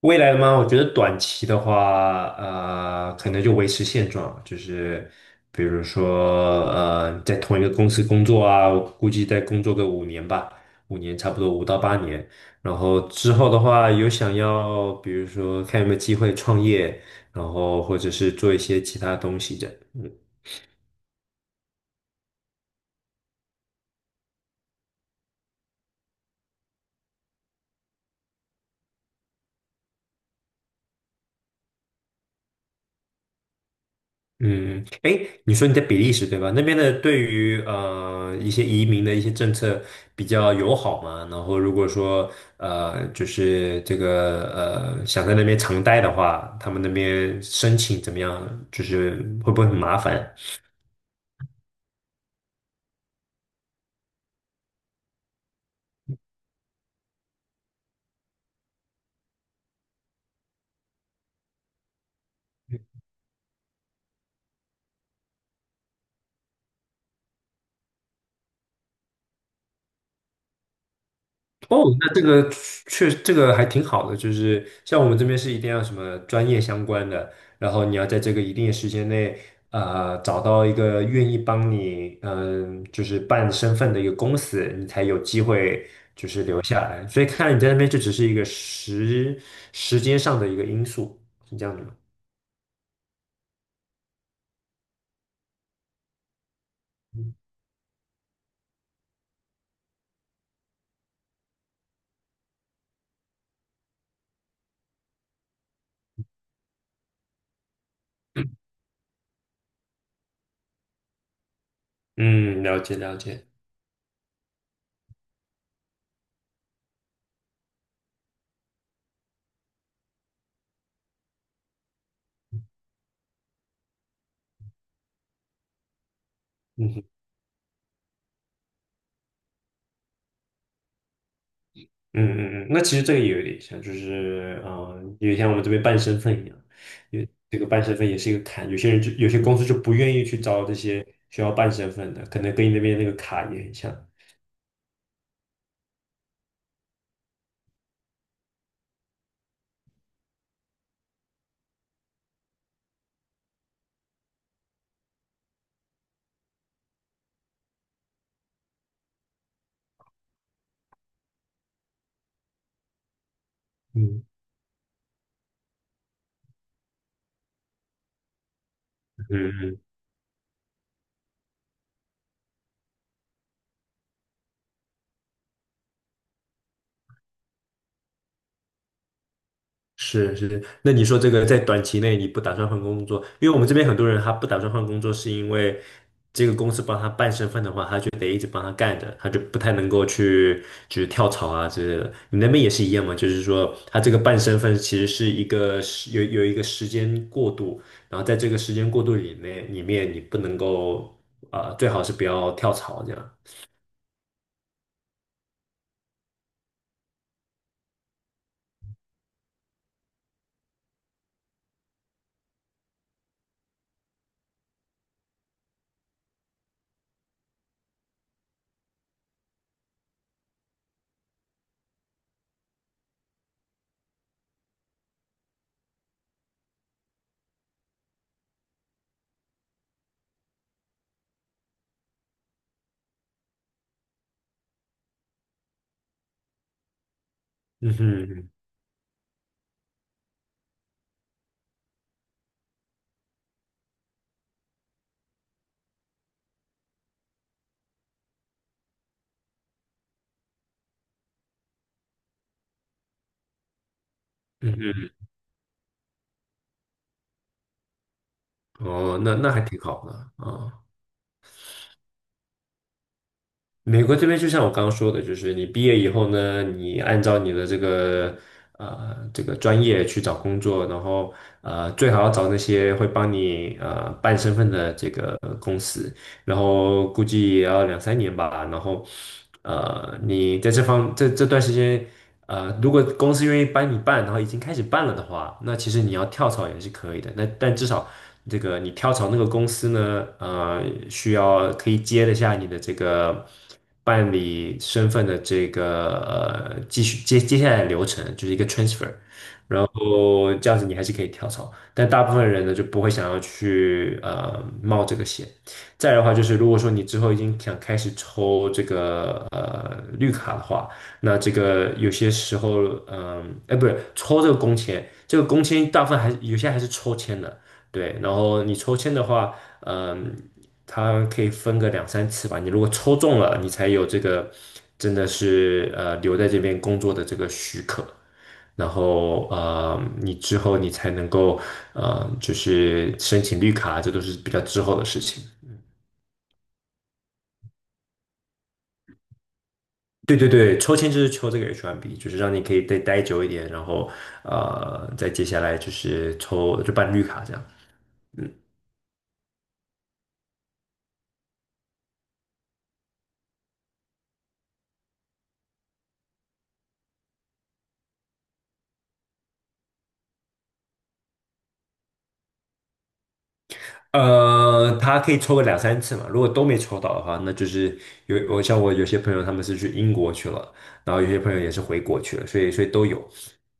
未来的吗？我觉得短期的话，可能就维持现状，就是比如说，在同一个公司工作啊，我估计再工作个五年吧，五年差不多五到八年。然后之后的话，有想要，比如说看有没有机会创业，然后或者是做一些其他东西的。嗯嗯，哎，你说你在比利时对吧？那边的对于一些移民的一些政策比较友好嘛？然后如果说就是这个想在那边长待的话，他们那边申请怎么样？就是会不会很麻烦？哦，那这个确这个还挺好的，就是像我们这边是一定要什么专业相关的，然后你要在这个一定的时间内，找到一个愿意帮你，就是办身份的一个公司，你才有机会就是留下来。所以看来你在那边就只是一个时间上的一个因素，是这样的吗？嗯，了解了解，嗯嗯嗯嗯，那其实这个也有点像，就是有点像我们这边办身份一样，因为这个办身份也是一个坎，有些公司就不愿意去招这些需要办身份的，可能跟你那边那个卡也很像。嗯嗯嗯是是，那你说这个在短期内你不打算换工作，因为我们这边很多人他不打算换工作，是因为这个公司帮他办身份的话，他就得一直帮他干着，他就不太能够去就是跳槽啊之类的。你那边也是一样吗？就是说他这个办身份其实是一个时有一个时间过渡，然后在这个时间过渡里面你不能够最好是不要跳槽这样。嗯哼嗯哼，哦，那还挺好的啊。美国这边就像我刚刚说的，就是你毕业以后呢，你按照你的这个专业去找工作，然后最好要找那些会帮你办身份的这个公司，然后估计也要两三年吧。然后，你在这方这这段时间，如果公司愿意帮你办，然后已经开始办了的话，那其实你要跳槽也是可以的。那但至少这个你跳槽那个公司呢，需要可以接得下你的这个办理身份的这个继续接下来的流程，就是一个 transfer。然后这样子你还是可以跳槽，但大部分人呢就不会想要去冒这个险。再来的话就是，如果说你之后已经想开始抽这个绿卡的话，那这个有些时候，哎，不是抽这个工签，这个工签大部分还是有些还是抽签的，对。然后你抽签的话，嗯，它可以分个两三次吧。你如果抽中了，你才有这个真的是留在这边工作的这个许可。然后你之后你才能够就是申请绿卡，这都是比较之后的事情。对对对，抽签就是抽这个 H1B，就是让你可以再待久一点，然后再接下来就是办绿卡这样。嗯，他可以抽个两三次嘛，如果都没抽到的话，那就是像我有些朋友他们是去英国去了，然后有些朋友也是回国去了，所以都有，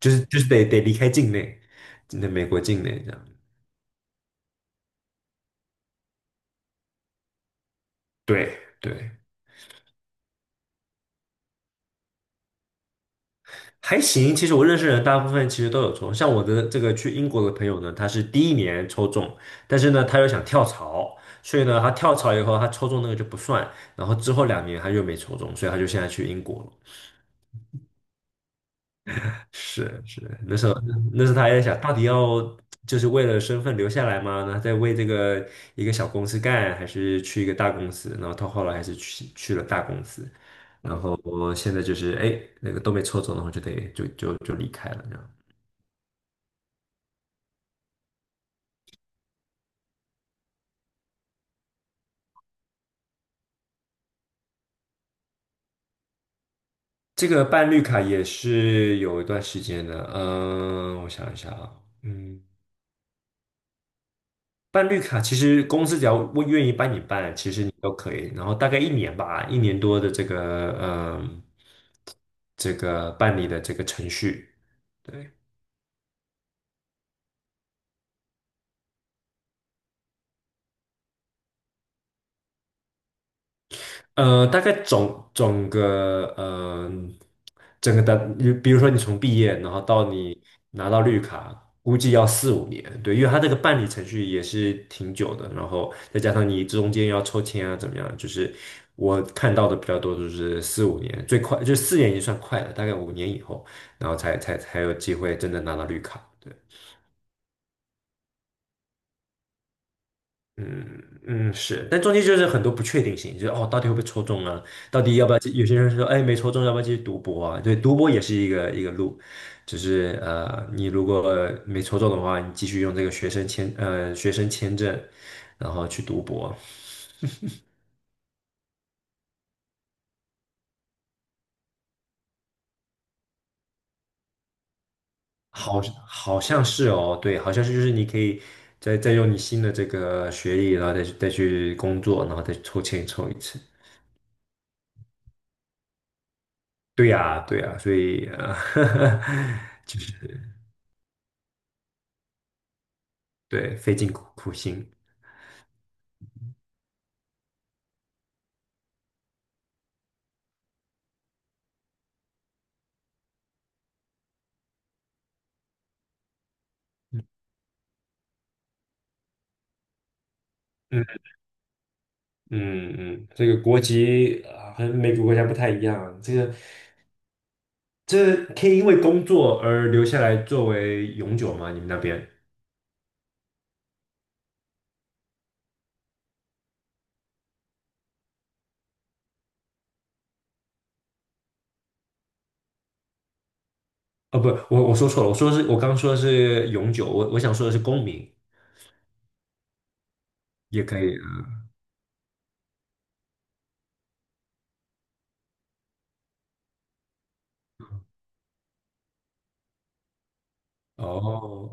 就是得离开境内，那美国境内这样。对对。还行，其实我认识人大部分其实都有抽，像我的这个去英国的朋友呢，他是第一年抽中，但是呢，他又想跳槽，所以呢，他跳槽以后，他抽中那个就不算，然后之后两年他又没抽中，所以他就现在去英国了。是是，那时候他还在想，到底要就是为了身份留下来吗？那在为这个一个小公司干，还是去一个大公司？然后他后来还是去了大公司，然后现在就是哎，那个都没抽中，然后就得就离开了这样。这个办绿卡也是有一段时间的，我想一下啊，嗯，办绿卡其实公司只要我愿意帮你办，其实你都可以，然后大概一年吧，一年多的这个，这个办理的这个程序，对。大概总总个呃，整个的，比如说你从毕业，然后到你拿到绿卡，估计要四五年，对，因为它这个办理程序也是挺久的，然后再加上你中间要抽签啊，怎么样，就是我看到的比较多就是四五年，最快就四年已经算快了，大概五年以后，然后才有机会真的拿到绿卡。对。嗯嗯是，但中间就是很多不确定性，就是哦，到底会不会抽中啊？到底要不要？有些人说，哎，没抽中，要不要继续读博啊？对，读博也是一个路，就是你如果没抽中的话，你继续用这个学生签证，然后去读博，好像是哦，对，好像是就是你可以再用你新的这个学历，然后再去工作，然后再抽签抽一次。对呀，对呀，所以啊对，费尽苦苦心。嗯嗯嗯，这个国籍啊，和美国国家不太一样。这可以因为工作而留下来作为永久吗？你们那边？哦，不，我说错了，我刚说的是永久，我想说的是公民也可以。嗯哦，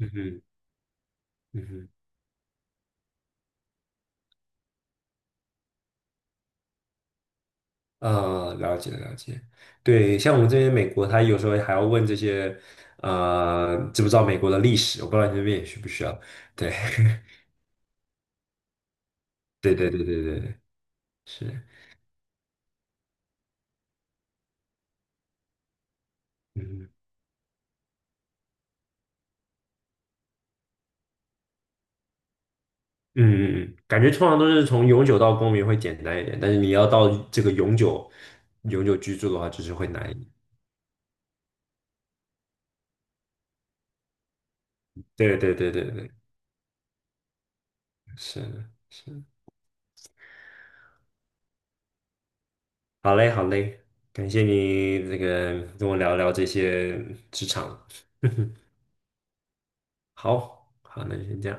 嗯嗯嗯嗯，了解了解。对，像我们这边美国，他有时候还要问这些，知不知道美国的历史？我不知道你那边也需不需要。对对对对对对，是。嗯。嗯嗯嗯，感觉通常都是从永久到公民会简单一点，但是你要到这个永久居住的话，就是会难一点。对对对对对，是的是的。好嘞好嘞，感谢你这个跟我聊聊这些职场。好好，那就先这样。